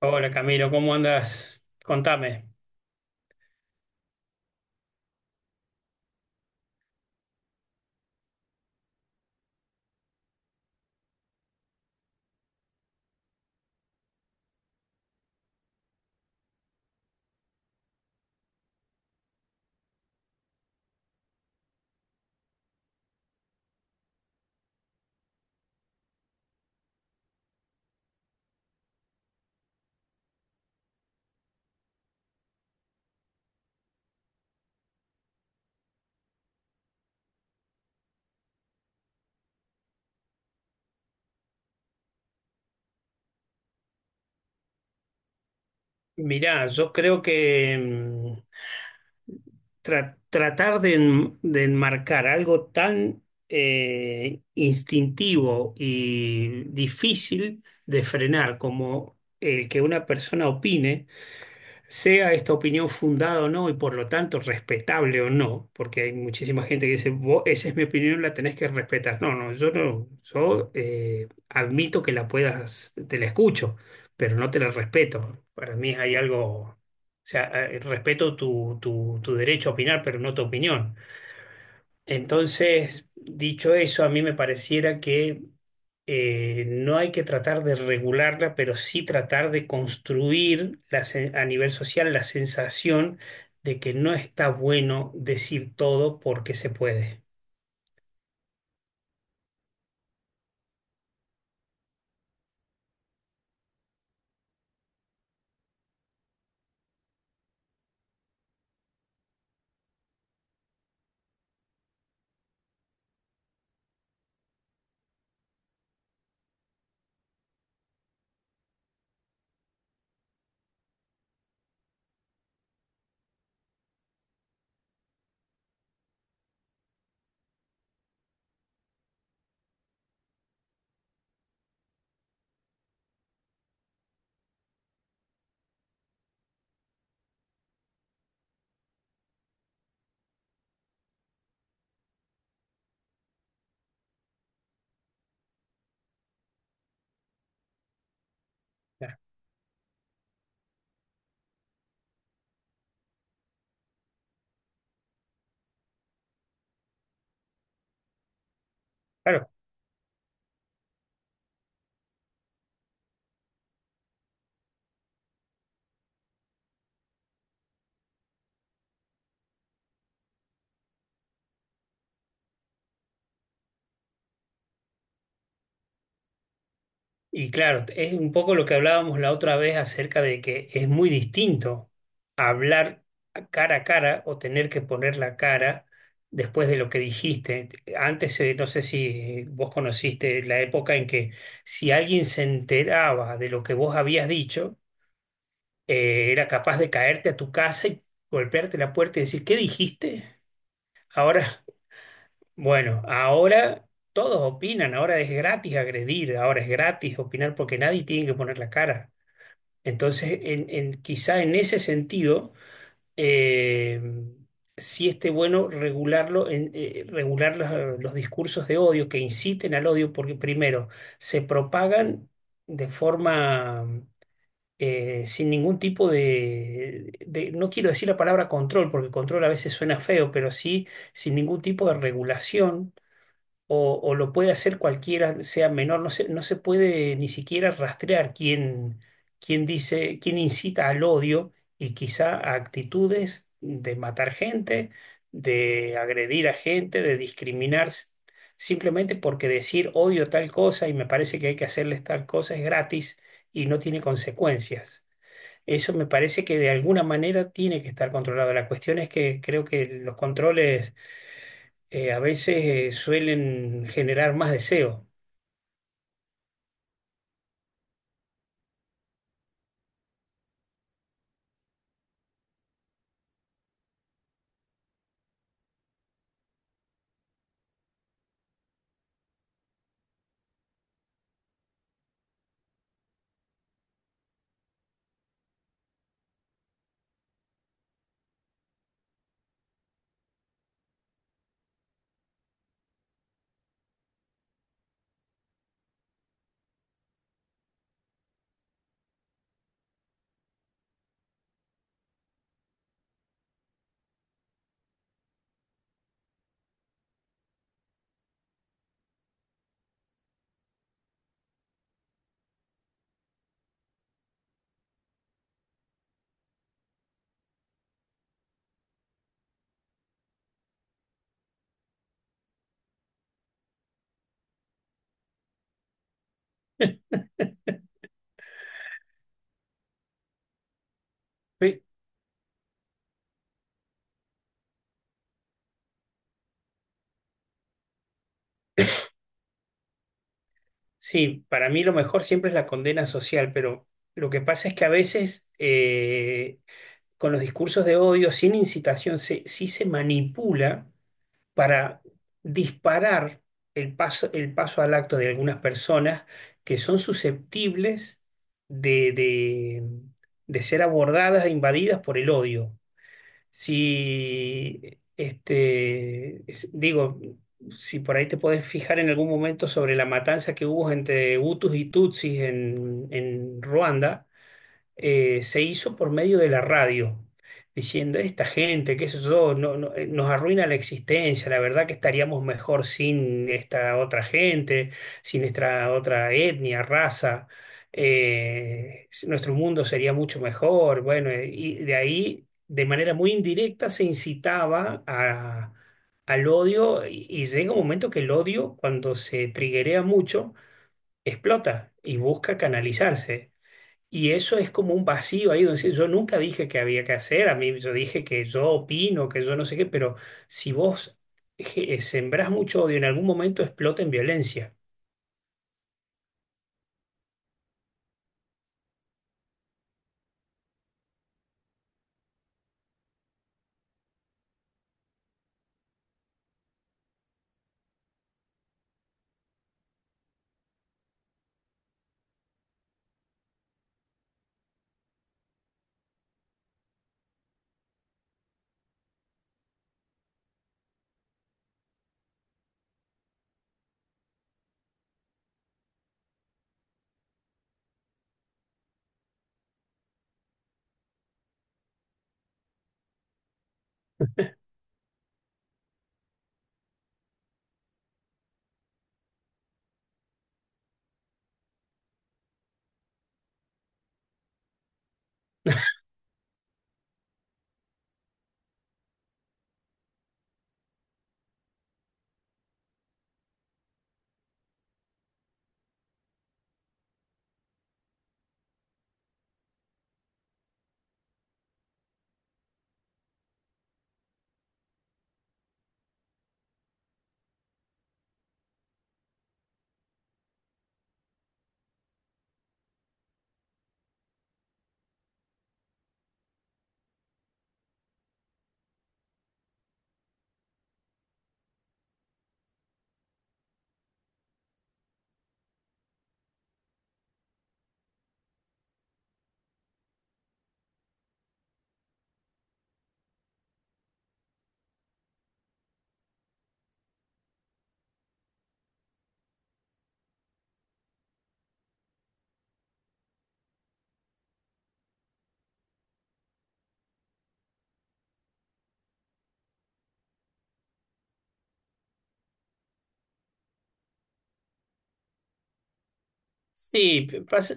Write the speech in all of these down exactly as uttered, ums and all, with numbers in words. Hola Camilo, ¿cómo andas? Contame. Mirá, yo creo que mm, tra- tratar de, en- de enmarcar algo tan eh, instintivo y difícil de frenar como el que una persona opine, sea esta opinión fundada o no y por lo tanto respetable o no, porque hay muchísima gente que dice, "Vos, esa es mi opinión, la tenés que respetar. No, no, yo no, yo eh, admito que la puedas, te la escucho, pero no te la respeto. Para mí hay algo, o sea, eh, respeto tu, tu, tu derecho a opinar, pero no tu opinión. Entonces, dicho eso, a mí me pareciera que eh, no hay que tratar de regularla, pero sí tratar de construir la sen- a nivel social la sensación de que no está bueno decir todo porque se puede. Claro. Y claro, es un poco lo que hablábamos la otra vez acerca de que es muy distinto hablar cara a cara o tener que poner la cara después de lo que dijiste. Antes, eh, no sé si vos conociste la época en que si alguien se enteraba de lo que vos habías dicho, eh, era capaz de caerte a tu casa y golpearte la puerta y decir, ¿qué dijiste? Ahora, bueno. ahora... Todos opinan, ahora es gratis agredir, ahora es gratis opinar porque nadie tiene que poner la cara. Entonces, en, en- quizá en ese sentido, eh, sí esté bueno regularlo, en- eh, regular los, los discursos de odio que inciten al odio, porque primero, se propagan de forma eh, sin ningún tipo de, de- no quiero decir la palabra control, porque control a veces suena feo, pero sí sin ningún tipo de regulación o, o lo puede hacer cualquiera, sea menor, no se, no se puede ni siquiera rastrear quién, quién dice, quién incita al odio y quizá a actitudes de matar gente, de agredir a gente, de discriminar, s- simplemente porque decir odio tal cosa y me parece que hay que hacerles tal cosa es gratis y no tiene consecuencias. Eso me parece que de alguna manera tiene que estar controlado. La cuestión es que creo que los controles eh, a veces eh, suelen generar más deseo. Sí. Sí, para mí lo mejor siempre es la condena social, pero lo que pasa es que a veces eh, con los discursos de odio, sin incitación, se- sí se manipula para disparar el paso, el paso al acto de algunas personas que son susceptibles de, de de ser abordadas e invadidas por el odio. Si, este, es- digo, si por ahí te podés fijar en algún momento sobre la matanza que hubo entre Hutus y Tutsis en, en Ruanda, eh, se hizo por medio de la radio, diciendo, esta gente, qué sé yo, no, no, eh, nos arruina la existencia, la verdad que estaríamos mejor sin esta otra gente, sin esta otra etnia, raza, eh, s- nuestro mundo sería mucho mejor. Bueno, eh, y de ahí, de manera muy indirecta, se incitaba a- al odio y, y llega un momento que el odio, cuando se triguea mucho, explota y busca canalizarse. Y eso es como un vacío ahí donde sí, yo nunca dije que había que hacer, a mí yo dije que yo opino, que yo no sé qué, pero si vos je- sembrás mucho odio, en algún momento explota en violencia. Sí, p- pasa,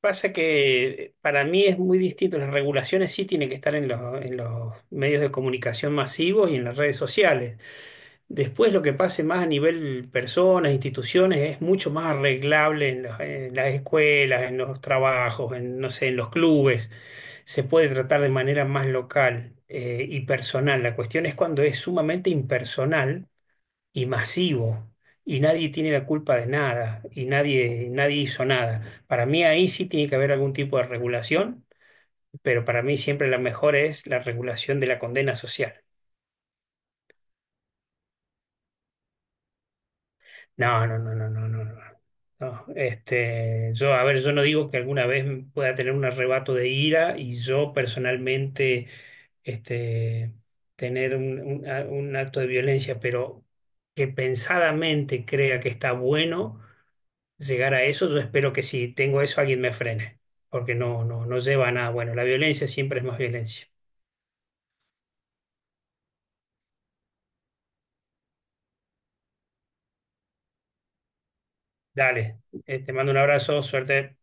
pasa que para mí es muy distinto, las regulaciones sí tienen que estar en los, en los medios de comunicación masivos y en las redes sociales. Después lo que pase más a nivel personas, instituciones, es mucho más arreglable en, los- en las escuelas, en los trabajos, en, no sé, en los clubes se puede tratar de manera más local eh, y personal. La cuestión es cuando es sumamente impersonal y masivo y nadie tiene la culpa de nada y nadie, nadie hizo nada. Para mí ahí sí tiene que haber algún tipo de regulación, pero para mí siempre la mejor es la regulación de la condena social. No, no, no, no, no, no, no. No. Este, yo, a ver, yo no digo que alguna vez pueda tener un arrebato de ira y yo personalmente, este, tener un, un a- un acto de violencia, pero que pensadamente crea que está bueno llegar a eso, yo espero que si tengo eso alguien me frene, porque no, no, no lleva a nada bueno. La violencia siempre es más violencia. Dale, eh, te mando un abrazo, suerte.